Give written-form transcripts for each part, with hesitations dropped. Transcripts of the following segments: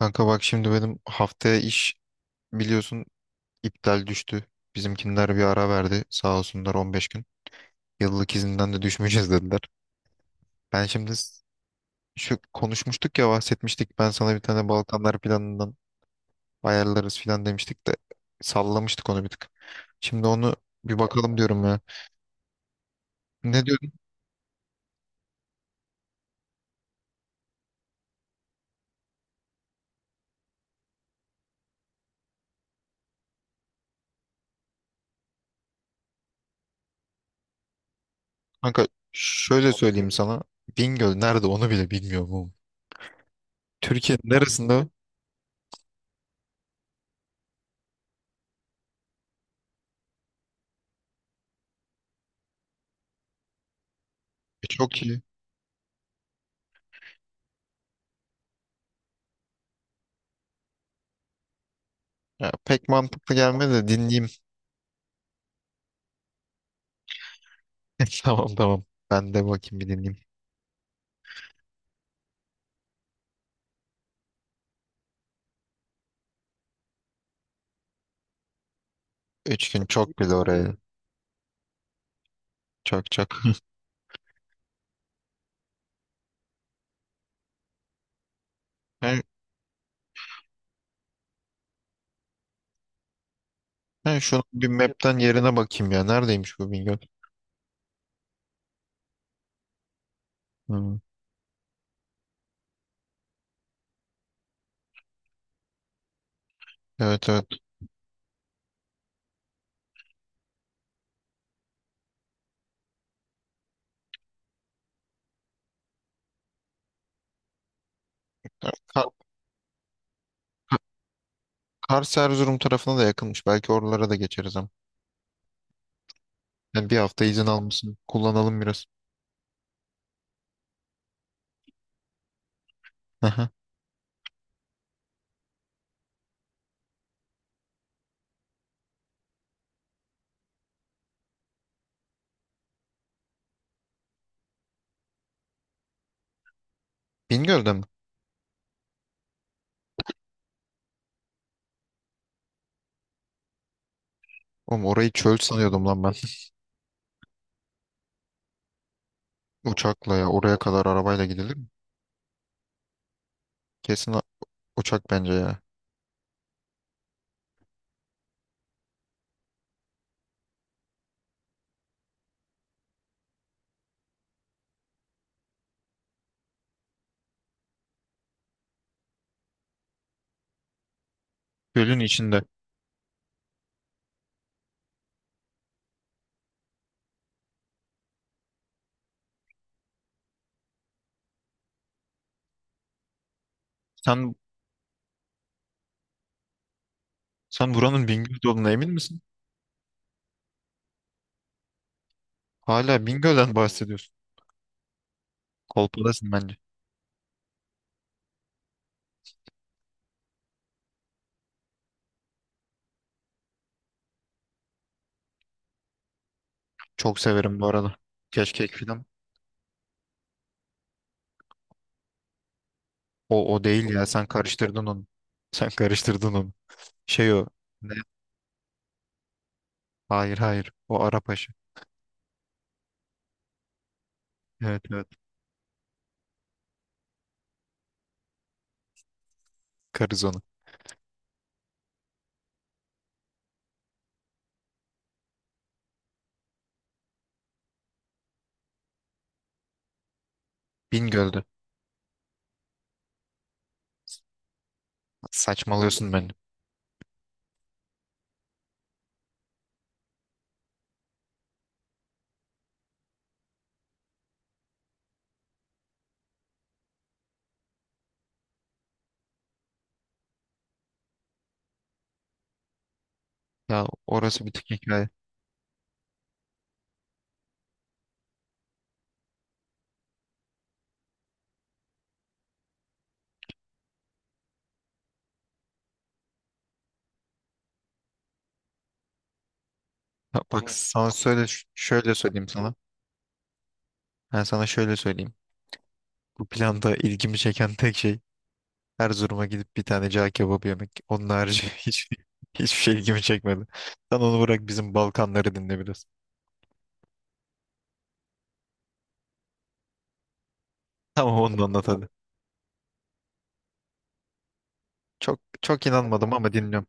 Kanka bak şimdi benim haftaya iş biliyorsun iptal düştü. Bizimkiler bir ara verdi sağ olsunlar, 15 gün. Yıllık izinden de düşmeyeceğiz dediler. Ben şimdi şu konuşmuştuk ya, bahsetmiştik. Ben sana bir tane Balkanlar planından ayarlarız filan demiştik de sallamıştık onu bir tık. Şimdi onu bir bakalım diyorum ya. Ne diyordun kanka? Şöyle söyleyeyim sana. Bingöl nerede onu bile bilmiyorum oğlum. Türkiye'nin neresinde? E, çok iyi. Ya, pek mantıklı gelmedi de dinleyeyim. Tamam tamam. Ben de bakayım bir dinleyeyim. Üç gün çok güzel oraya. Çok çok. Ben, ben şunu bir map'ten yerine bakayım ya. Neredeymiş bu Bingöl? Hmm. Evet evet. Ka- Ka- Kars Erzurum tarafına da yakınmış. Belki oralara da geçeriz ama. Yani bir hafta izin almışsın. Kullanalım biraz. Aha. Bingöl'de mi? Oğlum orayı çöl sanıyordum lan ben. Uçakla ya. Oraya kadar arabayla gidilir mi? Kesin a- uçak bence ya. Gölün içinde. Sen sen buranın Bingöl'de olduğuna emin misin? Hala Bingöl'den bahsediyorsun. Kolpadasın bence. Çok severim bu arada. Keşkek film. O o değil ya, sen karıştırdın onu. Sen karıştırdın onu. Şey o. Ne? Hayır hayır. O Arapaşı. Evet evet. Karız onu. Bingöl'dü. Saçmalıyorsun beni. Ya orası bir tek hikaye. Ya bak sana söyle, şöyle söyleyeyim sana. Ben sana şöyle söyleyeyim. Bu planda ilgimi çeken tek şey Erzurum'a gidip bir tane cağ kebabı yemek. Onun harici hiç, hiçbir şey ilgimi çekmedi. Sen onu bırak, bizim Balkanları dinle biraz. Tamam onu da anlat hadi. Çok çok inanmadım ama dinliyorum.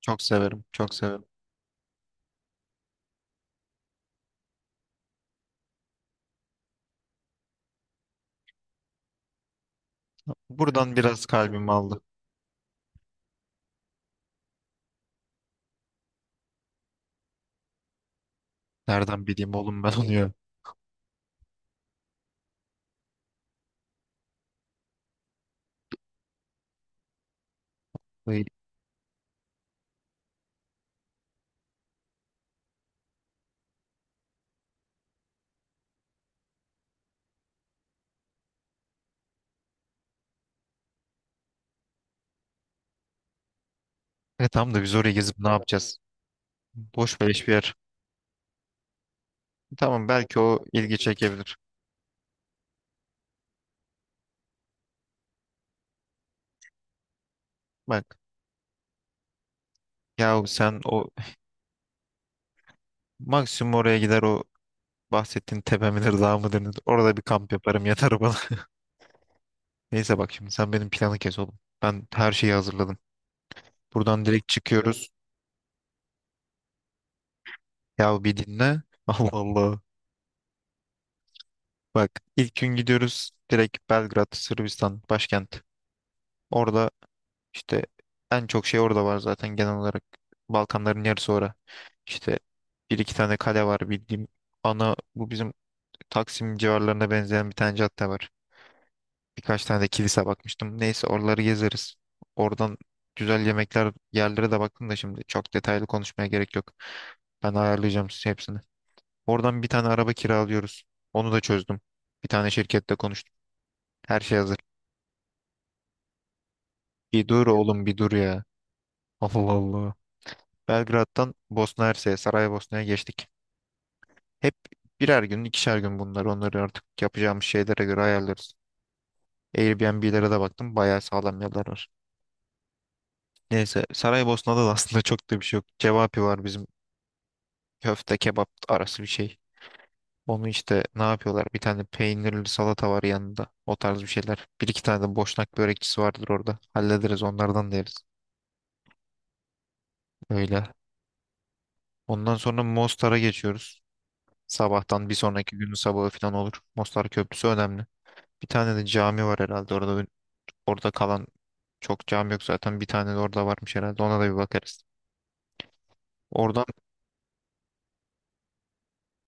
Çok severim, çok severim. Buradan biraz kalbimi aldı. Nereden bileyim oğlum ben onu ya. Ay, e, tamam da biz oraya gezip ne yapacağız? Boş beleş bir yer. Tamam belki o ilgi çekebilir. Bak ya sen o maksimum oraya gider, o bahsettiğin tepe midir dağ mıdır nedir? Orada bir kamp yaparım yatarım bana. Neyse bak şimdi sen benim planı kes oğlum. Ben her şeyi hazırladım. Buradan direkt çıkıyoruz. Ya bir dinle. Allah Allah. Bak ilk gün gidiyoruz direkt Belgrad, Sırbistan başkent. Orada işte en çok şey orada var zaten genel olarak. Balkanların yarısı orada. İşte bir iki tane kale var bildiğim. Ana bu bizim Taksim civarlarına benzeyen bir tane cadde var. Birkaç tane de kilise bakmıştım. Neyse oraları gezeriz. Oradan güzel yemekler yerlere de baktım da şimdi çok detaylı konuşmaya gerek yok. Ben ayarlayacağım size hepsini. Oradan bir tane araba kiralıyoruz. Onu da çözdüm. Bir tane şirkette konuştum. Her şey hazır. Bir dur oğlum bir dur ya. Allah Allah. Belgrad'dan Bosna Hersek'e, Saraybosna'ya geçtik. Hep birer gün, ikişer gün bunlar. Onları artık yapacağımız şeylere göre ayarlarız. Airbnb'lere de baktım. Bayağı sağlam yerler var. Neyse, Saraybosna'da da aslında çok da bir şey yok. Cevapi var bizim, köfte kebap arası bir şey. Onu işte ne yapıyorlar? Bir tane peynirli salata var yanında. O tarz bir şeyler. Bir iki tane de boşnak börekçisi vardır orada. Hallederiz onlardan da yeriz. Öyle. Ondan sonra Mostar'a geçiyoruz. Sabahtan bir sonraki günün sabahı falan olur. Mostar Köprüsü önemli. Bir tane de cami var herhalde orada. Orada kalan çok cami yok zaten. Bir tane de orada varmış herhalde. Ona da bir bakarız. Oradan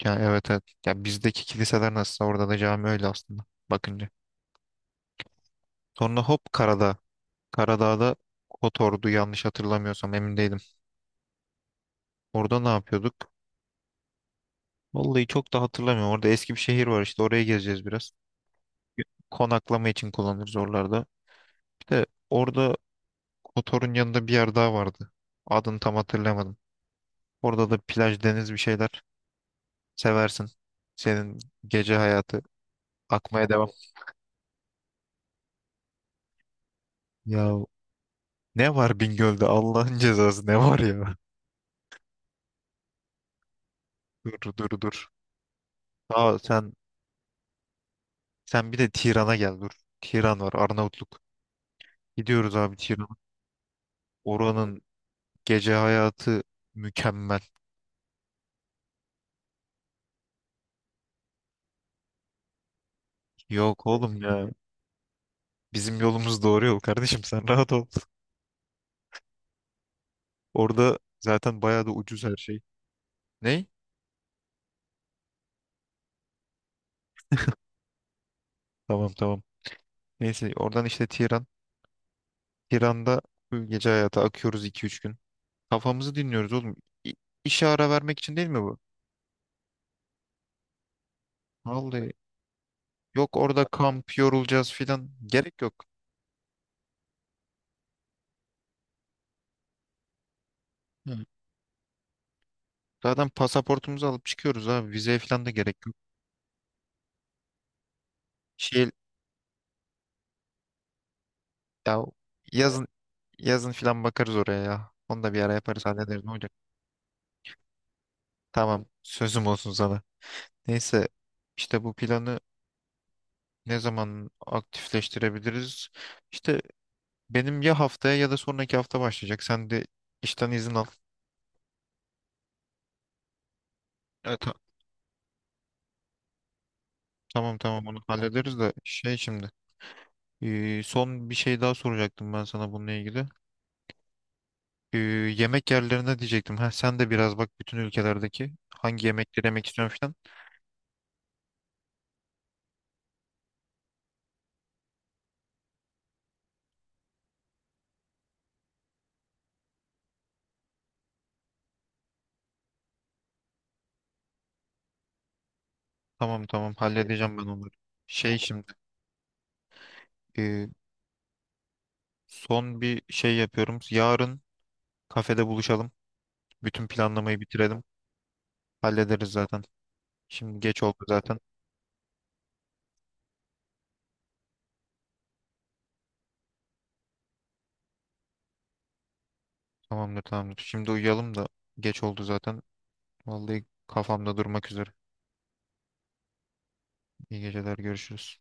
yani evet evet. Ya bizdeki kiliseler nasıl, orada da cami öyle aslında bakınca. Sonra hop Karadağ. Karadağ'da Kotor'du yanlış hatırlamıyorsam, emin değilim. Orada ne yapıyorduk? Vallahi çok da hatırlamıyorum. Orada eski bir şehir var işte, oraya gezeceğiz biraz. Konaklama için kullanırız oralarda. Bir de orada Kotor'un yanında bir yer daha vardı. Adını tam hatırlamadım. Orada da plaj, deniz, bir şeyler. Seversin. Senin gece hayatı akmaya devam. Ya ne var Bingöl'de Allah'ın cezası, ne var ya? Dur dur dur. Aa sen bir de Tiran'a gel dur. Tiran var, Arnavutluk. Gidiyoruz abi Tiran'a. Oranın gece hayatı mükemmel. Yok oğlum ya. Bizim yolumuz doğru yol kardeşim, sen rahat ol. Orada zaten bayağı da ucuz her şey. Ney? Tamam tamam. Neyse oradan işte Tiran. Tiran'da full gece hayatı akıyoruz iki üç gün. Kafamızı dinliyoruz oğlum. İ- İşe ara vermek için değil mi bu? Vallahi yok, orada kamp yorulacağız filan. Gerek yok. Hı. Zaten pasaportumuzu alıp çıkıyoruz abi. Vizeye filan da gerek yok. Şey ya, yazın yazın filan bakarız oraya ya. Onu da bir ara yaparız hallederiz, ne olacak. Tamam sözüm olsun sana. Neyse işte bu planı ne zaman aktifleştirebiliriz? İşte benim ya haftaya ya da sonraki hafta başlayacak. Sen de işten izin al. Evet, tamam tamam onu hallederiz de şey şimdi, ee, son bir şey daha soracaktım ben sana bununla ilgili. Ee, yemek yerlerine diyecektim. Heh, sen de biraz bak bütün ülkelerdeki hangi yemekleri yemek istiyorsun falan. Tamam tamam halledeceğim ben onları. Şey şimdi, e, son bir şey yapıyorum. Yarın kafede buluşalım. Bütün planlamayı bitirelim. Hallederiz zaten. Şimdi geç oldu zaten. Tamamdır tamamdır. Şimdi uyuyalım da geç oldu zaten. Vallahi kafamda durmak üzere. İyi geceler görüşürüz.